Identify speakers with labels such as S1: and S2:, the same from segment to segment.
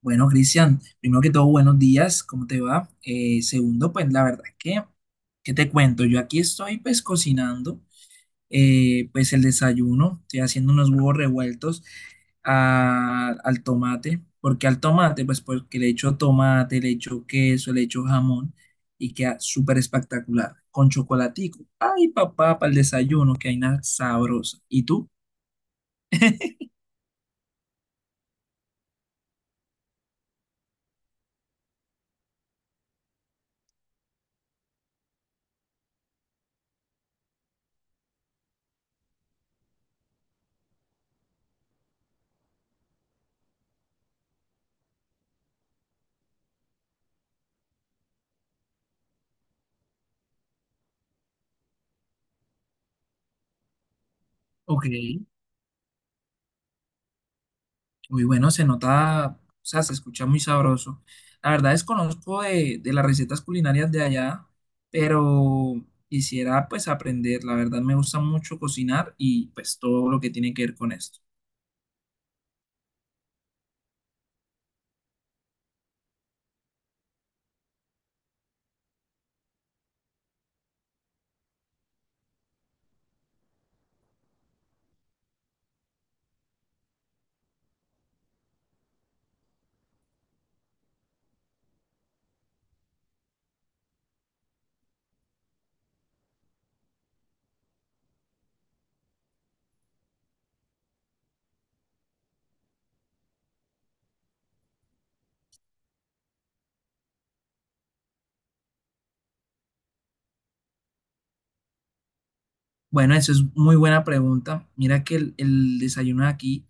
S1: Bueno, Cristian, primero que todo, buenos días, ¿cómo te va? Segundo, pues la verdad que, ¿qué te cuento? Yo aquí estoy pues cocinando, pues el desayuno, estoy haciendo unos huevos revueltos al tomate. ¿Por qué al tomate? Pues porque le echo tomate, le echo queso, le echo jamón y queda súper espectacular, con chocolatico. Ay, papá, para el desayuno, que hay nada sabrosa. ¿Y tú? Ok. Muy bueno, se nota, o sea, se escucha muy sabroso. La verdad desconozco de las recetas culinarias de allá, pero quisiera pues aprender. La verdad me gusta mucho cocinar y pues todo lo que tiene que ver con esto. Bueno, eso es muy buena pregunta. Mira que el desayuno de aquí,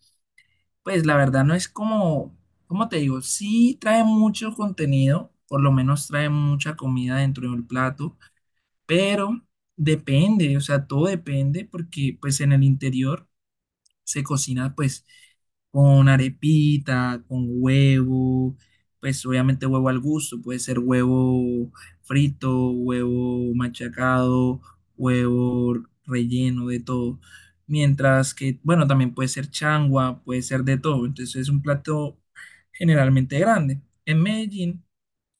S1: pues la verdad no es como, ¿cómo te digo? Sí trae mucho contenido, por lo menos trae mucha comida dentro del plato, pero depende, o sea, todo depende porque pues en el interior se cocina pues con arepita, con huevo, pues obviamente huevo al gusto, puede ser huevo frito, huevo machacado, huevo relleno, de todo. Mientras que, bueno, también puede ser changua, puede ser de todo. Entonces es un plato generalmente grande. En Medellín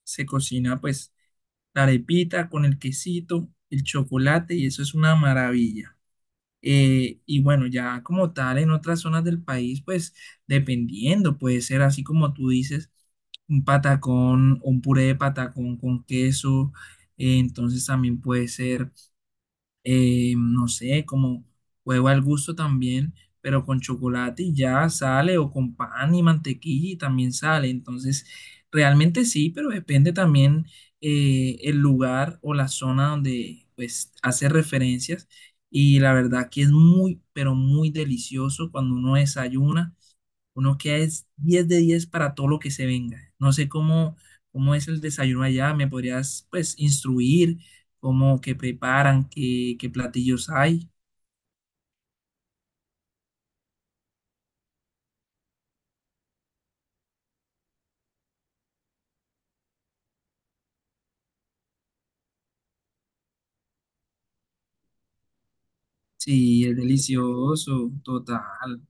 S1: se cocina pues la arepita con el quesito, el chocolate y eso es una maravilla. Y bueno, ya como tal, en otras zonas del país, pues dependiendo, puede ser así como tú dices, un patacón, un puré de patacón con queso, entonces también puede ser no sé, como huevo al gusto también, pero con chocolate y ya sale, o con pan y mantequilla y también sale. Entonces, realmente sí, pero depende también el lugar o la zona donde pues hace referencias. Y la verdad que es muy, pero muy delicioso cuando uno desayuna uno queda es 10 de 10 para todo lo que se venga. No sé cómo, cómo es el desayuno allá, me podrías pues instruir cómo que preparan, qué platillos hay. Sí, es delicioso, total.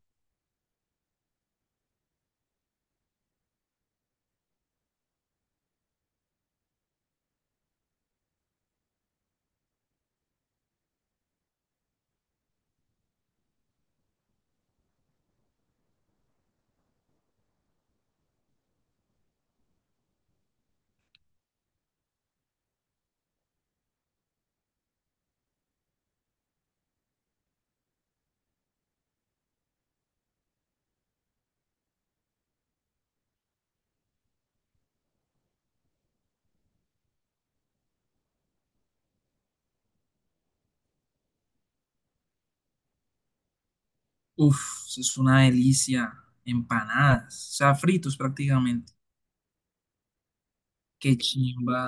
S1: Uf, eso es una delicia. Empanadas, o sea, fritos prácticamente. Qué chimba.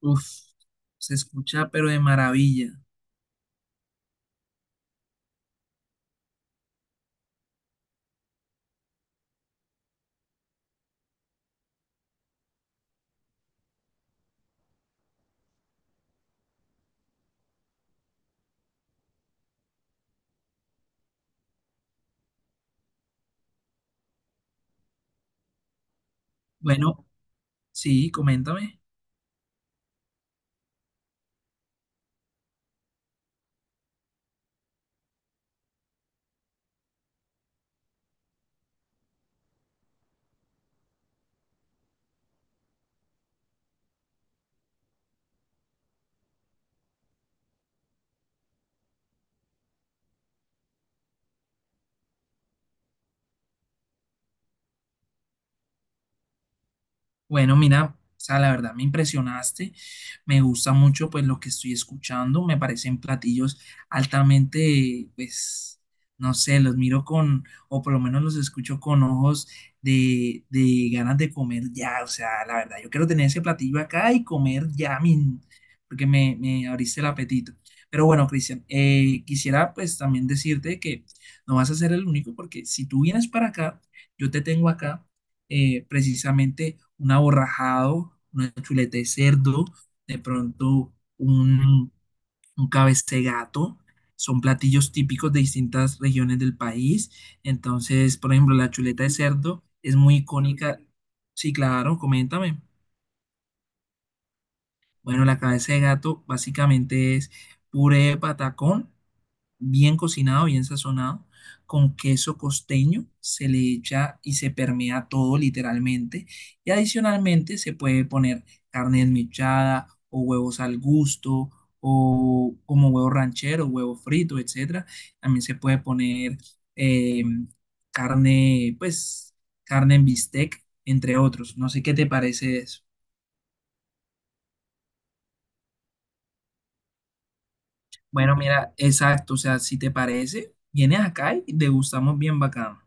S1: Uf, se escucha pero de maravilla. Bueno, sí, coméntame. Bueno, mira, o sea, la verdad me impresionaste, me gusta mucho pues lo que estoy escuchando, me parecen platillos altamente, pues, no sé, los miro con, o por lo menos los escucho con ojos de ganas de comer ya, o sea, la verdad, yo quiero tener ese platillo acá y comer ya, porque me abriste el apetito. Pero bueno, Cristian, quisiera pues también decirte que no vas a ser el único, porque si tú vienes para acá, yo te tengo acá precisamente un aborrajado, una chuleta de cerdo, de pronto un cabeza de gato. Son platillos típicos de distintas regiones del país. Entonces, por ejemplo, la chuleta de cerdo es muy icónica. Sí, claro, coméntame. Bueno, la cabeza de gato básicamente es puré de patacón bien cocinado, bien sazonado, con queso costeño, se le echa y se permea todo literalmente. Y adicionalmente se puede poner carne desmechada o huevos al gusto o como huevo ranchero, huevo frito, etcétera. También se puede poner eh, carne, pues carne en bistec, entre otros. No sé qué te parece eso. Bueno, mira, exacto, o sea, si te parece, vienes acá y degustamos bien bacano.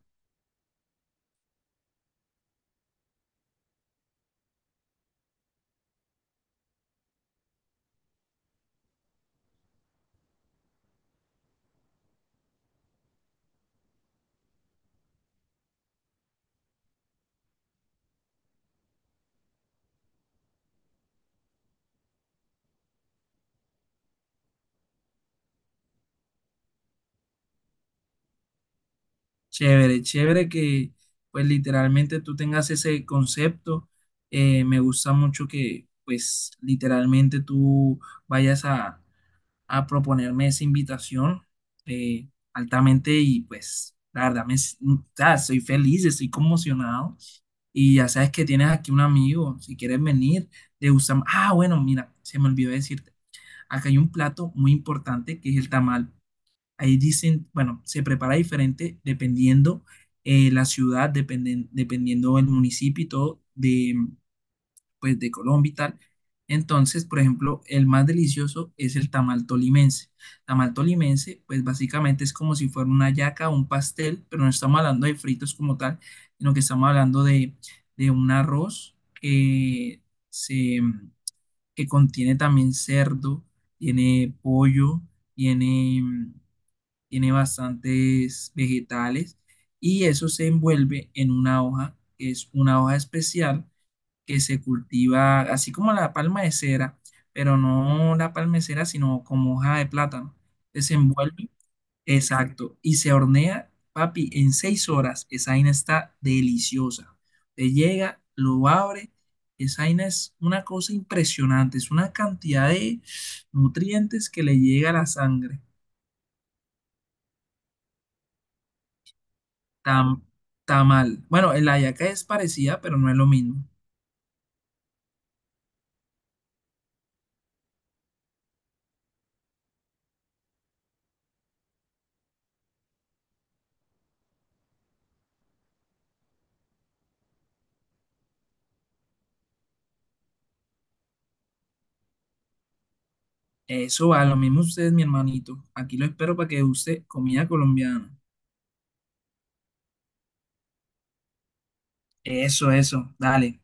S1: Chévere, chévere que pues literalmente tú tengas ese concepto. Me gusta mucho que pues literalmente tú vayas a, a proponerme esa invitación eh, altamente y pues la verdad o sea, soy feliz, estoy conmocionado y ya sabes que tienes aquí un amigo, si quieres venir, te gusta. Ah, bueno, mira, se me olvidó decirte, acá hay un plato muy importante que es el tamal. Ahí dicen, bueno, se prepara diferente dependiendo la ciudad, dependiendo el municipio y todo de, pues, de Colombia y tal. Entonces, por ejemplo, el más delicioso es el tamal tolimense. Tamal tolimense, pues básicamente es como si fuera una yaca o un pastel, pero no estamos hablando de fritos como tal, sino que estamos hablando de un arroz se, que contiene también cerdo, tiene pollo, tiene tiene bastantes vegetales y eso se envuelve en una hoja, que es una hoja especial que se cultiva así como la palma de cera, pero no la palma de cera, sino como hoja de plátano. Entonces, se envuelve, exacto, y se hornea, papi, en 6 horas. Esa vaina está deliciosa. Te llega, lo abre. Esa vaina es una cosa impresionante, es una cantidad de nutrientes que le llega a la sangre. Tam, Tamal. Bueno, el hallaca es parecida, pero no es lo mismo. Eso va, lo mismo ustedes mi hermanito. Aquí lo espero para que use comida colombiana. Eso, eso. Dale.